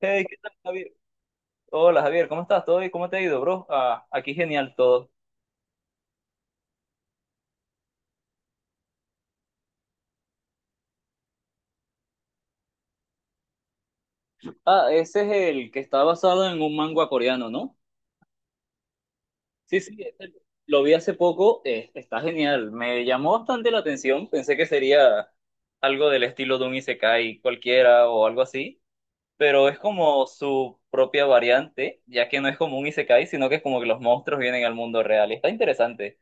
Hey, ¿qué tal, Javier? Hola, Javier, ¿cómo estás? ¿Todo bien? ¿Cómo te ha ido, bro? Ah, aquí genial todo. Ah, ese es el que está basado en un manga coreano, ¿no? Sí, sí, ese lo vi hace poco, está genial. Me llamó bastante la atención, pensé que sería algo del estilo de un isekai cualquiera o algo así, pero es como su propia variante, ya que no es como un isekai, sino que es como que los monstruos vienen al mundo real. Está interesante.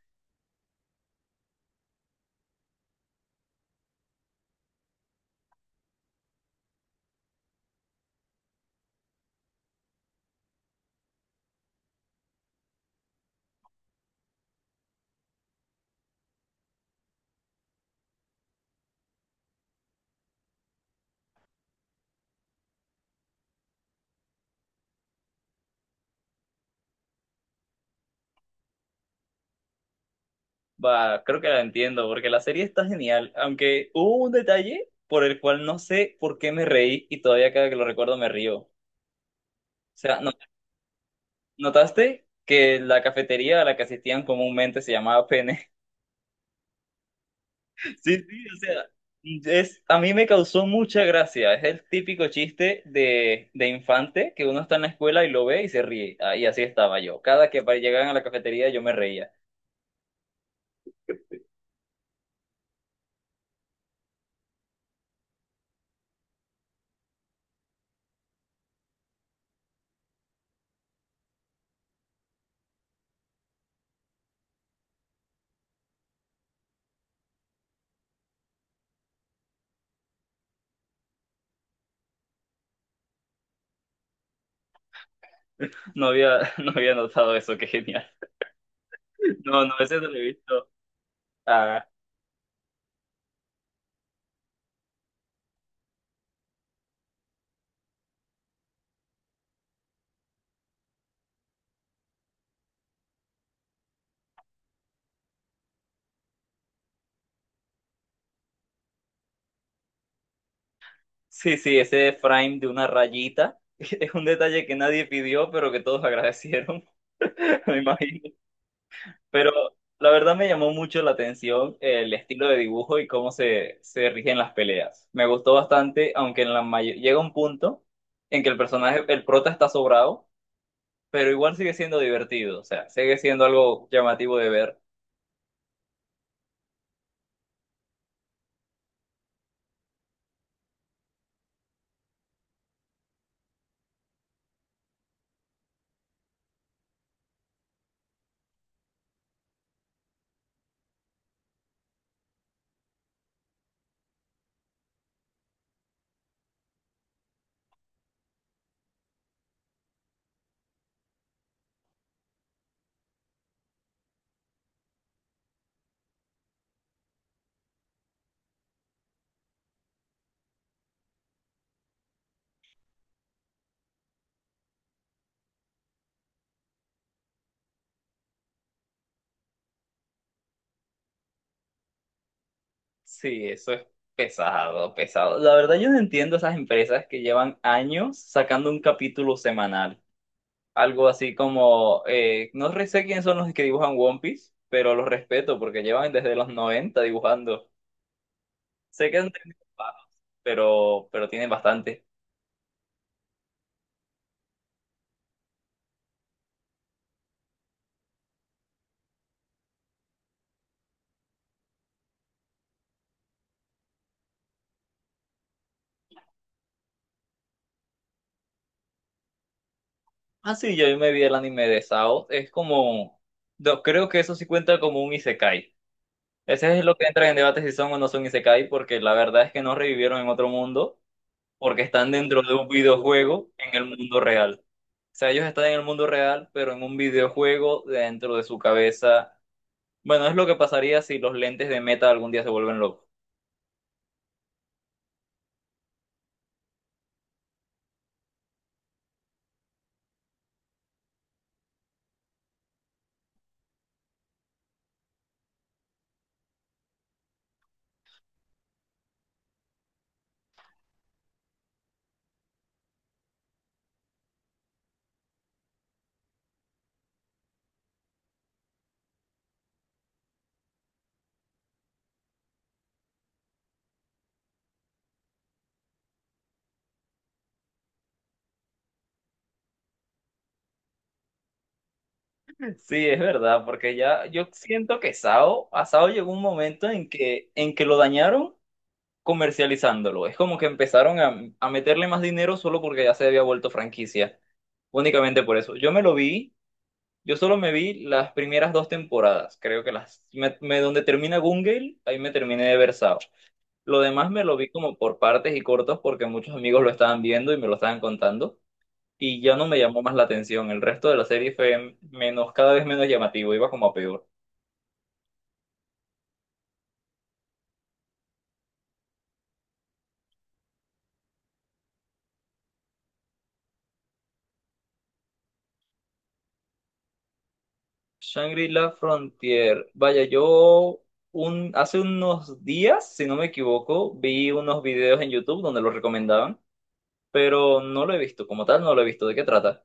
Va, creo que la entiendo, porque la serie está genial, aunque hubo un detalle por el cual no sé por qué me reí y todavía cada que lo recuerdo me río. O sea, ¿notaste que la cafetería a la que asistían comúnmente se llamaba Pene? Sí, sí, o sea, a mí me causó mucha gracia. Es el típico chiste de infante que uno está en la escuela y lo ve y se ríe. Ah, y así estaba yo. Cada que llegaban a la cafetería yo me reía. No había notado eso, qué genial. No, no, ese no lo he visto. Ah. Sí, sí, ese frame de una rayita es un detalle que nadie pidió, pero que todos agradecieron. Me imagino. Pero la verdad me llamó mucho la atención el estilo de dibujo y cómo se rigen las peleas. Me gustó bastante, aunque en la llega un punto en que el personaje, el prota está sobrado, pero igual sigue siendo divertido, o sea, sigue siendo algo llamativo de ver. Sí, eso es pesado, pesado. La verdad yo no entiendo esas empresas que llevan años sacando un capítulo semanal. Algo así como, no re- sé quiénes son los que dibujan One Piece, pero los respeto porque llevan desde los 90 dibujando. Sé que han tenido paros, pero tienen bastante. Ah, sí, yo me vi el anime de Sao. Es como, no, creo que eso sí cuenta como un isekai. Ese es lo que entra en debate si son o no son isekai, porque la verdad es que no revivieron en otro mundo, porque están dentro de un videojuego en el mundo real. O sea, ellos están en el mundo real, pero en un videojuego dentro de su cabeza. Bueno, es lo que pasaría si los lentes de Meta algún día se vuelven locos. Sí, es verdad, porque ya yo siento que Sao, a Sao llegó un momento en que lo dañaron comercializándolo. Es como que empezaron a meterle más dinero solo porque ya se había vuelto franquicia. Únicamente por eso. Yo me lo vi, yo solo me vi las primeras dos temporadas. Creo que las, donde termina Gungale, ahí me terminé de ver Sao. Lo demás me lo vi como por partes y cortos porque muchos amigos lo estaban viendo y me lo estaban contando. Y ya no me llamó más la atención. El resto de la serie fue menos, cada vez menos llamativo, iba como a peor. Shangri-La Frontier. Vaya, yo hace unos días, si no me equivoco, vi unos videos en YouTube donde lo recomendaban, pero no lo he visto, como tal, no lo he visto. ¿De qué trata?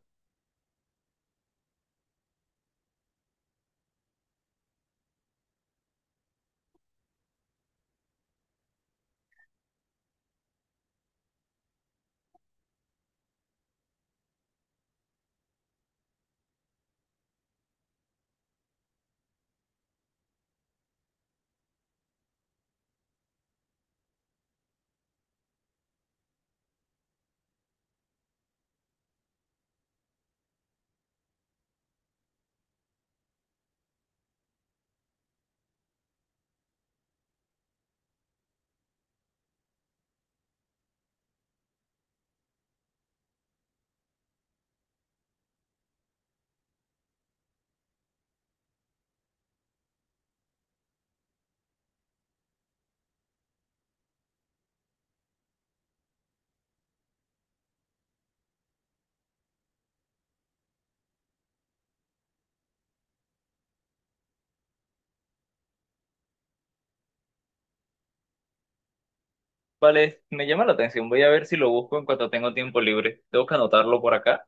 Vale, me llama la atención. Voy a ver si lo busco en cuanto tengo tiempo libre. Tengo que anotarlo por acá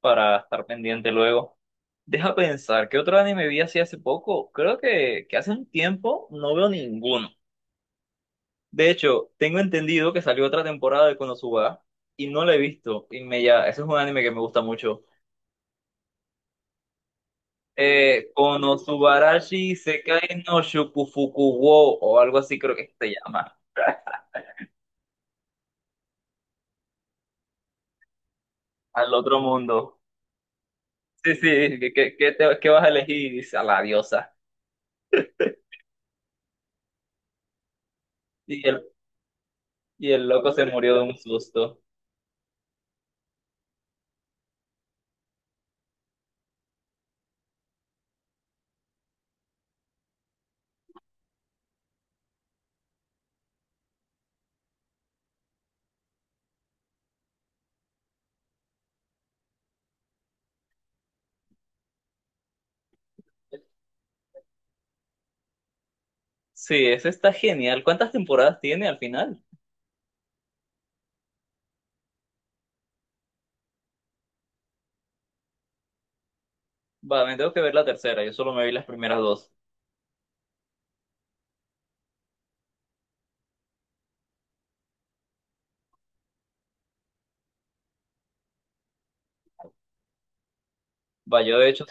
para estar pendiente luego. Deja pensar, ¿qué otro anime vi así hace poco? Creo que hace un tiempo no veo ninguno. De hecho, tengo entendido que salió otra temporada de Konosuba y no la he visto. Y me ya, ese es un anime que me gusta mucho. Konosubarashi Sekai no Shukufuku wo o algo así creo que se llama. Al otro mundo. Sí, sí, ¿qué vas a elegir? Y dice, a la diosa. Y el, y el loco se murió de un susto. Sí, ese está genial. ¿Cuántas temporadas tiene al final? Va, me tengo que ver la tercera. Yo solo me vi las primeras dos. Va, yo de hecho.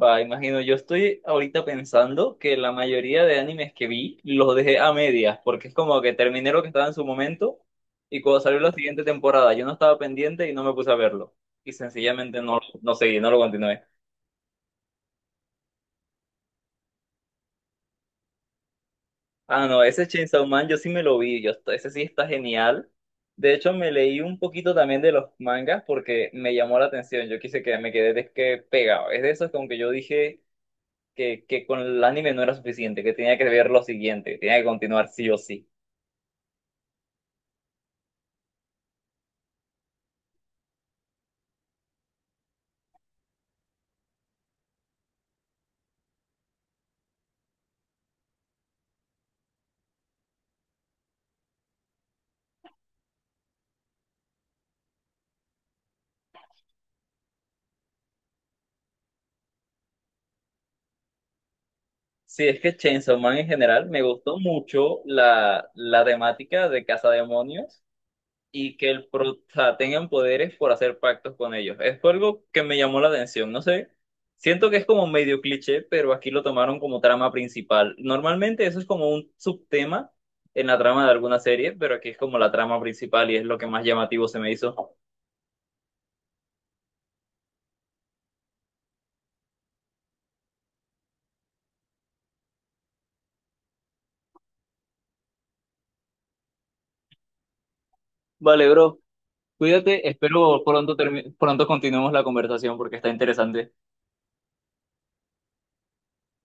Va, imagino, yo estoy ahorita pensando que la mayoría de animes que vi los dejé a medias, porque es como que terminé lo que estaba en su momento y cuando salió la siguiente temporada yo no estaba pendiente y no me puse a verlo. Y sencillamente no, no seguí, no lo continué. Ah, no, ese Chainsaw Man yo sí me lo vi, yo, ese sí está genial. De hecho, me leí un poquito también de los mangas porque me llamó la atención, yo quise que me quedé de que pegado. Es de esos como que yo dije que con el anime no era suficiente, que tenía que ver lo siguiente, que tenía que continuar sí o sí. Sí, es que Chainsaw Man en general me gustó mucho la temática de demonios y que el pro, tengan poderes por hacer pactos con ellos. Es fue algo que me llamó la atención, no sé. Siento que es como medio cliché, pero aquí lo tomaron como trama principal. Normalmente eso es como un subtema en la trama de alguna serie, pero aquí es como la trama principal y es lo que más llamativo se me hizo. Vale, bro, cuídate, espero pronto, pronto continuemos la conversación porque está interesante.